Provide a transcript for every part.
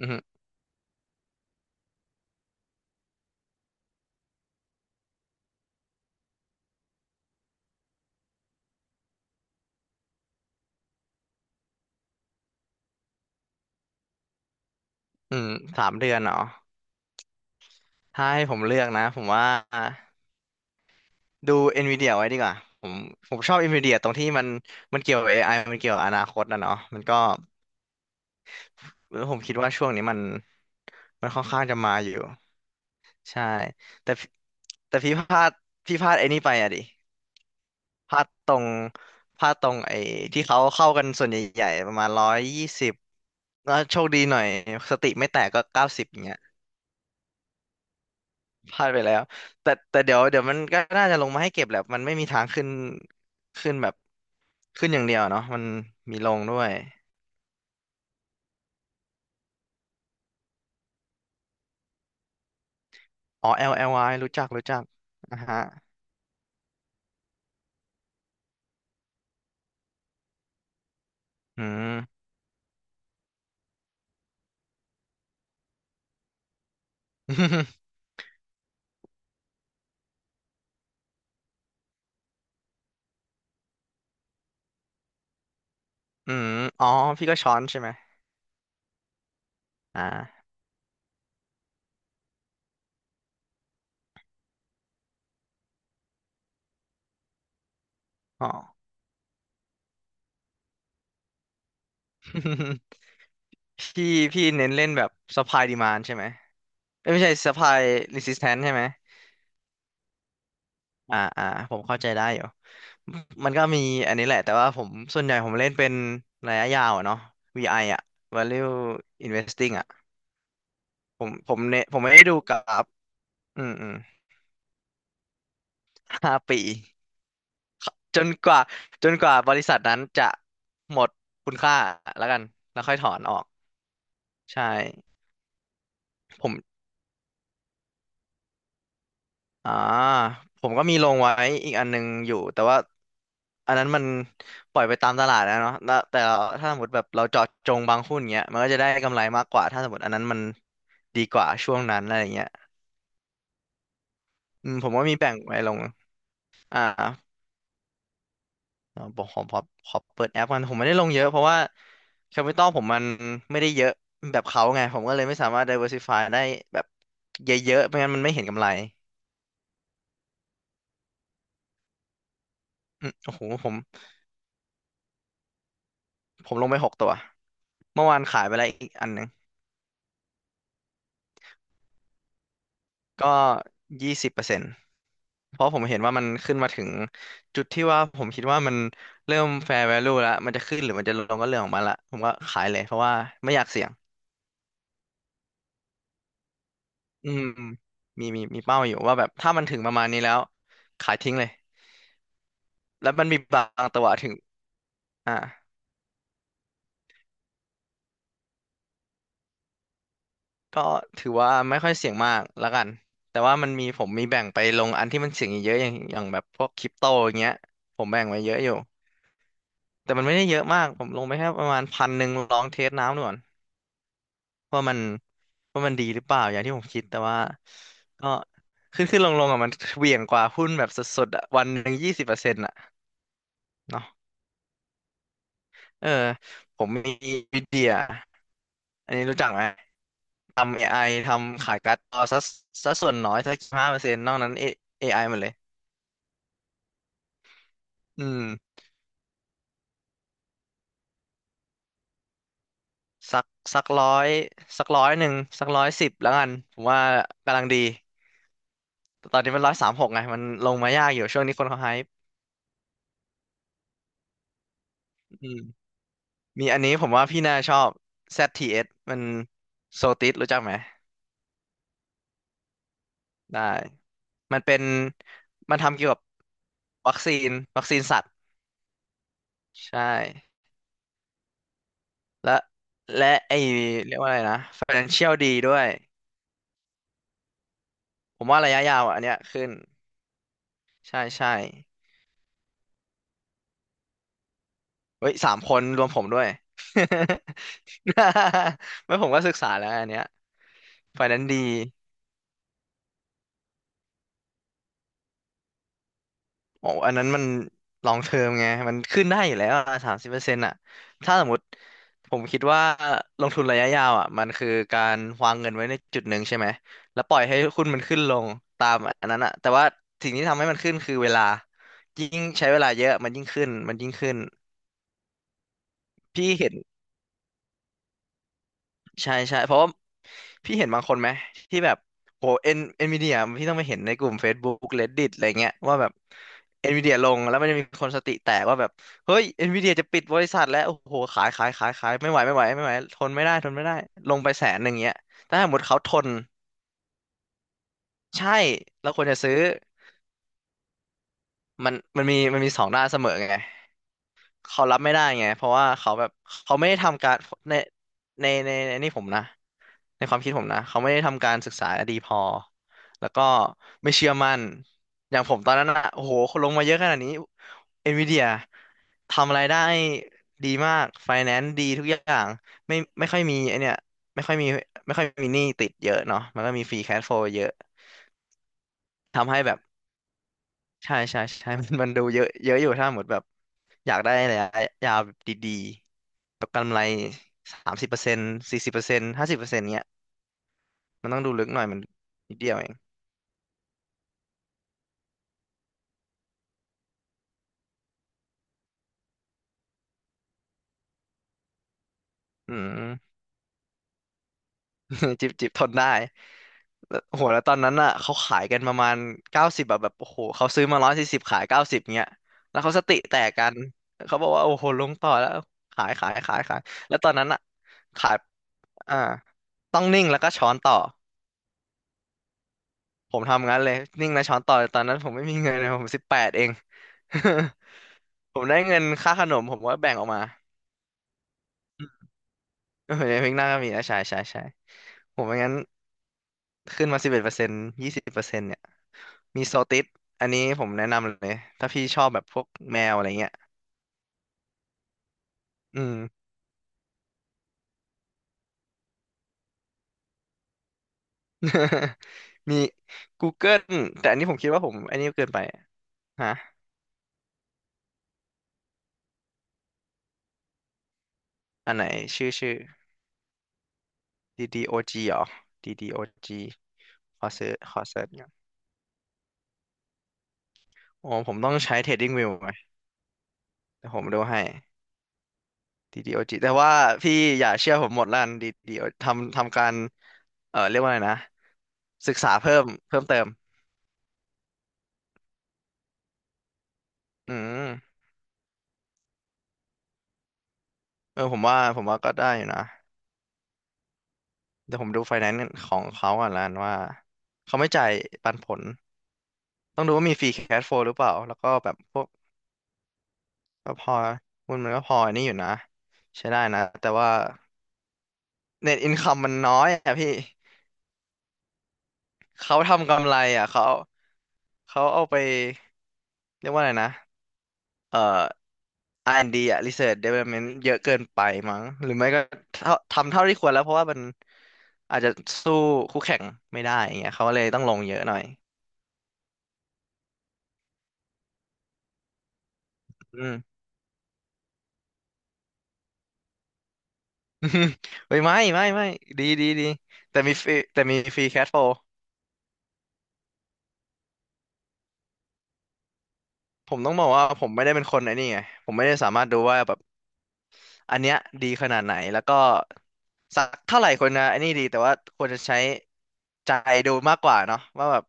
อืมอืมสามเดือนเหรอถ้าให้ผมเลือกนะผมว่าดู NVIDIA ไว้ดีกว่า ผมผมชอบ NVIDIA ตรงที่มันเกี่ยวกับ AI มันเกี่ยวกับอนาคตนะเนาะมันก็ผมคิดว่าช่วงนี้มันค่อนข้างจะมาอยู่ใช่แต่พี่แต่พี่พลาดพี่พลาดไอ้นี่ไปอะดิพลาดตรงพลาดตรงไอ้ที่เขาเข้ากันส่วนใหญ่ๆประมาณร้อยยี่สิบแล้วโชคดีหน่อยสติไม่แตกก็เก้าสิบอย่างเงี้ย พลาดไปแล้วแต่เดี๋ยวมันก็น่าจะลงมาให้เก็บแหละมันไม่มีทางขึ้นขึ้นแบบขึ้นอย่างเดียวเนาะมันมีลงด้วยอ๋อ LLY รู้จักรู้จักอ่ะฮะอืม อืมอ๋อพี่ก็ช้อนใช่ไหมอ่าอ๋อ พี่พี่เน้นเล่นแบบ supply demand ใช่ไหมเอ้ยไม่ใช่ supply resistance ใช่ไหมอ่าอ่าผมเข้าใจได้อยู่มันก็มีอันนี้แหละแต่ว่าผมส่วนใหญ่ผมเล่นเป็นระยะยาวอะเนาะ VI ออะ Value Investing อะ ผมไม่ได้ดูกราฟอืมอืมห้าปีจนกว่าจนกว่าบริษัทนั้นจะหมดคุณค่าแล้วกันแล้วค่อยถอนออกใช่ผมอ่าผมก็มีลงไว้อีกอันหนึงอยู่แต่ว่าอันนั้นมันปล่อยไปตามตลาดนะเนาะแล้วแต่เราถ้าสมมติแบบเราเจาะจงบางหุ้นเงี้ยมันก็จะได้กำไรมากกว่าถ้าสมมติอันนั้นมันดีกว่าช่วงนั้นอะไรเงี้ยอืมผมก็มีแบ่งไว้ลงอ่า เอ่บอกขอเปิดแอปกันผมไม่ได้ลงเยอะเพราะว่าแคปิตอลผมมันไม่ได้เยอะแบบเขาไงผมก็เลยไม่สามารถ diversify ได้แบบเยอะๆไม่งั้นมันไม่เห็นกำไรอืมโอ้โหผมลงไปหกตัวเมื่อวานขายไปแล้วอีกอันหนึ่งก็ยี่สิบเปอร์เซ็นต์เพราะผมเห็นว่ามันขึ้นมาถึงจุดที่ว่าผมคิดว่ามันเริ่ม fair value แล้วมันจะขึ้นหรือมันจะลงก็เรื่องของมันละผมก็ขายเลยเพราะว่าไม่อยากเสี่ยงอืมมีเป้าอยู่ว่าแบบถ้ามันถึงประมาณนี้แล้วขายทิ้งเลย แล้วมันมีบางตัวถึงอ่าก็ถือว่าไม่ค่อยเสี่ยงมากแล้วกัน แต่ว่ามันมีผมมีแบ่งไปลงอันที่มันเสี่ยงเยอะๆอย่างแบบพวกคริปโตอย่างเงี้ยผมแบ่งไว้เยอะอยู่แต่มันไม่ได้เยอะมากผมลงไปแค่ประมาณพันหนึ่งลองเทสน้ำดูก่อนว่ามันว่ามันดีหรือเปล่าอย่างที่ผมคิดแต่ว่าก็ขึ้นขึ้นลงลงอ่ะมันเหวี่ยงกว่าหุ้นแบบสดๆอ่ะวันหนึ่งยี่สิบเปอร์เซ็นต์อ่ะเนาะเออผมมีวิเดียอันนี้รู้จักไหม ทำ AI ทำขายการ์ดจอซะส่วนน้อยสักห้าเปอร์เซ็นต์นอกนั้น A- ไ i หมดเลยอืมสักสักร้อยสักร้อยหนึ่งสักร้อยสิบแล้วกันผมว่ากำลังดีแต่ตอนนี้มันร้อยสามหกไงมันลงมายากอยู่ช่วงนี้คนเขาไฮป์อืมมีอันนี้ผมว่าพี่น่าชอบ ZTS มันโซติสรู้จักไหมได้มันเป็นมันทำเกี่ยวกับวัคซีนวัคซีนสัตว์ใช่และและไอเรียกว่าอะไรนะ Financial ดีด้วย ผมว่าระยะยาวอันเนี้ยขึ้นใช่เฮ้ยสามคนรวมผมด้วย ไม่ผมก็ศึกษาแล้วอันเนี้ยฝ่ายนั้นดีโอ้อันนั้นมันลองเทอมไงมันขึ้นได้อยู่แล้วสามสิบเปอร์เซ็นต์อ่ะถ้าสมมติผมคิดว่าลงทุนระยะยาวอ่ะมันคือการวางเงินไว้ในจุดหนึ่งใช่ไหมแล้วปล่อยให้หุ้นมันขึ้นลงตามอันนั้นอ่ะแต่ว่าสิ่งที่ทำให้มันขึ้นคือเวลายิ่งใช้เวลาเยอะมันยิ่งขึ้นพี่เห็น ใช่เพราะว่าพี่เห็นบางคนไหมที่แบบโหเอ็นเอ็นวีเดียพี่ต้องไปเห็นในกลุ่ม Facebook Reddit อะไรเงี้ยว่าแบบเอ็นวีเดียลงแล้วมันจะมีคนสติแตกว่าแบบเฮ้ยเอ็นวีเดียจะปิดบริษัทแล้วโอ้โหขายไม่ไหวทนไม่ได้ลงไปแสนหนึ่งเงี้ยแต่ถ้าสมมติเขาทนใช่เราควรจะซื้อมันมีสองด้านเสมอไงเขารับไม่ได้ไงเพราะว่าเขาแบบเขาไม่ได้ทำการในในนี่ผมนะ ในความคิดผมนะเขาไม่ได้ทำการศึกษาดีพอแล้วก็ไม่เชื่อมั่นอย่างผมตอนนั้นอะโอ้โหคนลงมาเยอะขนาดนี้เอ็นวีเดียทำอะไรได้ดีมากไฟแนนซ์ดีทุกอย่างไม่ค่อยมีไอเนี่ยไม่ค่อยมีไม่ค่อยมีหนี้ติดเยอะเนาะมันก็มีฟรีแคชโฟลเยอะทำให้แบบใช่ใช่ใช่ มันดูเยอะเยอะอยู่ถ้าหมดแบบอยากได้อะไระยะยาวแบบดีๆแบบกำไรสามสิบเปอร์เซ็นต์สี่สิบเปอร์เซ็นต์ห้าสิบเปอร์เซ็นต์เงี้ยมันต้องดูลึกหน่อยมันนิดเดียวเอง อืม จิบจิบทนได้แล้วโหแล้วตอนนั้นอ่ะเขาขายกันประมาณเก้าสิบแบบโอ้โหเขาซื้อมาร้อยสี่สิบขายเก้าสิบเงี้ยแล้วเขาสติแตกกันเขาบอกว่าโอ้โหลงต่อแล้วขายขายขายขายแล้วตอนนั้นอ่ะขายอ่าต้องนิ่งแล้วก็ช้อนต่อผมทำงั้นเลยนิ่งแล้วช้อนต่อแต่ตอนนั้นผมไม่มีเงินเลยผมสิบแปดเอง ผมได้เงินค่าขนมผมก็แบ่งออกมาเออในพริกหน้าก็มีนะใช่ใช่ใช่ผมไม่งั้นขึ้นมาสิบเอ็ดเปอร์เซ็นต์ยี่สิบเปอร์เซ็นต์ มีโซติสอันนี้ผมแนะนำเลย ถ้าพี่ชอบแบบพวกแมวอะไรเงี้ยอืม มี Google แต่อันนี้ผมคิดว่าผมอันนี้เกินไปฮะอันไหนชื่อ DDOG เหรอ DDOG ขอเซิร์ชก่อนโอ้ผมต้องใช้ TradingView ไหมแต่ผมดูให้ DDOG แต่ว่าพี่อย่าเชื่อผมหมดละกัน DDO ทำการเออเรียกว่าอะไรนะ ศึกษาเพิ่มเติมอืมเออผมว่าก็ได้อยู่นะ เดี๋ยวผมดูไฟแนนซ์ของเขาก่อนละกันว่าเขาไม่จ่ายปันผลต้องดูว่ามีฟรีแคชโฟลหรือเปล่าแล้วก็แบบพวกก็พอหุ้นมันก็พออันนี้อยู่นะใช้ได้นะแต่ว่าเน็ตอินคัมมันน้อยอ่ะพี่เขาทำกำไรอ่ะเขาเขาเอาไปเรียกว่าอะไรนะเอ่อ R&D อ่ะ Research Development เยอะเกินไปมั้งหรือไม่ก็เท่าทำเท่าที่ควรแล้วเพราะว่ามันอาจจะสู้คู่แข่งไม่ได้อย่างเงี้ยเขาเลยต้องลงเยอะหน่อยอืม อืมเฮ้ยไม่ไม่ไม่ดีดีดีแต่มีฟรีแคทโฟลผมต้องบอกว่าผมไม่ได้เป็นคนไอ้นี่ไงผมไม่ได้สามารถดูว่าแบบอันเนี้ยดีขนาดไหนแล้วก็สักเท่าไหร่คนนะไอ้นี่ดีแต่ว่าควรจะใช้ใจดูมากกว่าเนาะว่าแบบ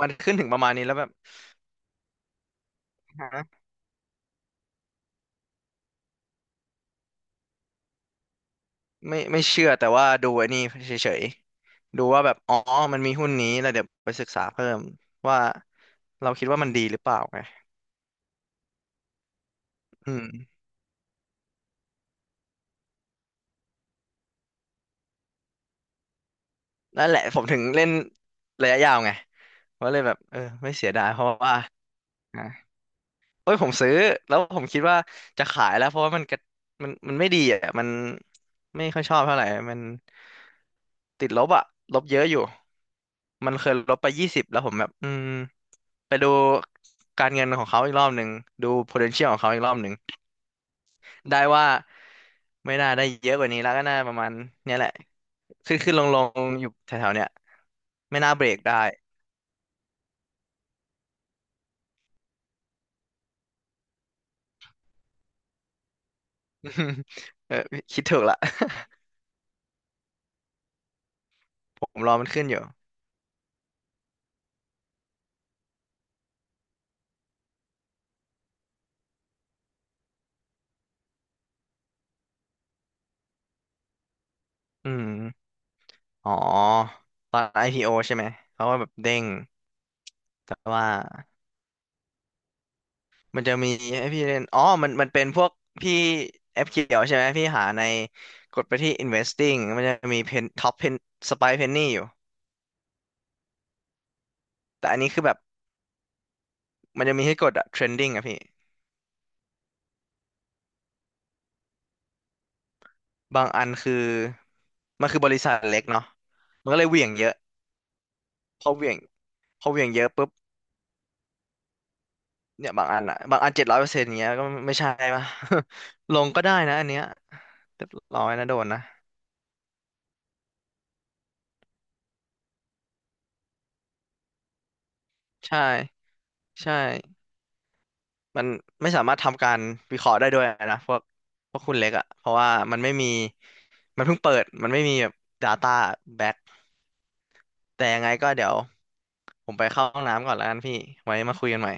มันขึ้นถึงประมาณนี้แล้วแบบฮะไม่ไม่เชื่อแต่ว่าดูไอ้นี่เฉยๆดูว่าแบบอ๋อมันมีหุ้นนี้แล้วเดี๋ยวไปศึกษาเพิ่มว่าเราคิดว่ามันดีหรือเปล่าไงอืมนั่นแหละผมถึงเล่นระยะยาวไง ก็เลยแบบเออไม่เสียดายเพราะว่าอ่ะเอ้ยผมซื้อแล้วผมคิดว่าจะขายแล้วเพราะว่ามันกระมันไม่ดีอ่ะมันไม่ค่อยชอบเท่าไหร่มันติดลบอ่ะลบเยอะอยู่มันเคยลบไปยี่สิบแล้วผมแบบอืมไปดูการเงินของเขาอีกรอบหนึ่งดู potential ของเขาอีกรอบหนึ่งได้ว่าไม่น่าได้เยอะกว่านี้แล้วก็น่าประมาณเนี้ยแหละขึ้นขึ้นลงลงอยู่แถวๆเนี้ยไม่น่าเบรกได้ เออคิดถูกละ ผมรอมันขึ้นอยู่อืม อ๋อตอน IPO ใช่ไหมเขาก็แบบเด้งแต่ว่ามันจะมีให้พี่เล่นอ๋อมันเป็นพวกพี่แอปเขียวใช่ไหมพี่หาในกดไปที่ investing มันจะมีเพนท็อปเพนสไปเพนนี่อยู่แต่อันนี้คือแบบมันจะมีให้กดอะ trending อะพี่บางอันคือมันคือบริษัทเล็กเนาะมันก็เลยเหวี่ยงเยอะพอเหวี่ยงพอเหวี่ยงเยอะปุ๊บเนี่ยบางอันอะบางอันเจ็ดร้อยเปอร์เซ็นต์เงี้ยก็ไม่ใช่ปะ ลงก็ได้นะอันเนี้ยเรียบร้อยนะโดนนะใช่ใช่ มันไม่สามารถทำการวิเคราะห์ได้ด้วยนะพวกคุณเล็กอ่ะเพราะว่ามันไม่มีมันเพิ่งเปิดมันไม่มีแบบ Data Back แต่ยังไงก็เดี๋ยวผมไปเข้าห้องน้ำก่อนแล้วกันพี่ไว้มาคุยกันใหม่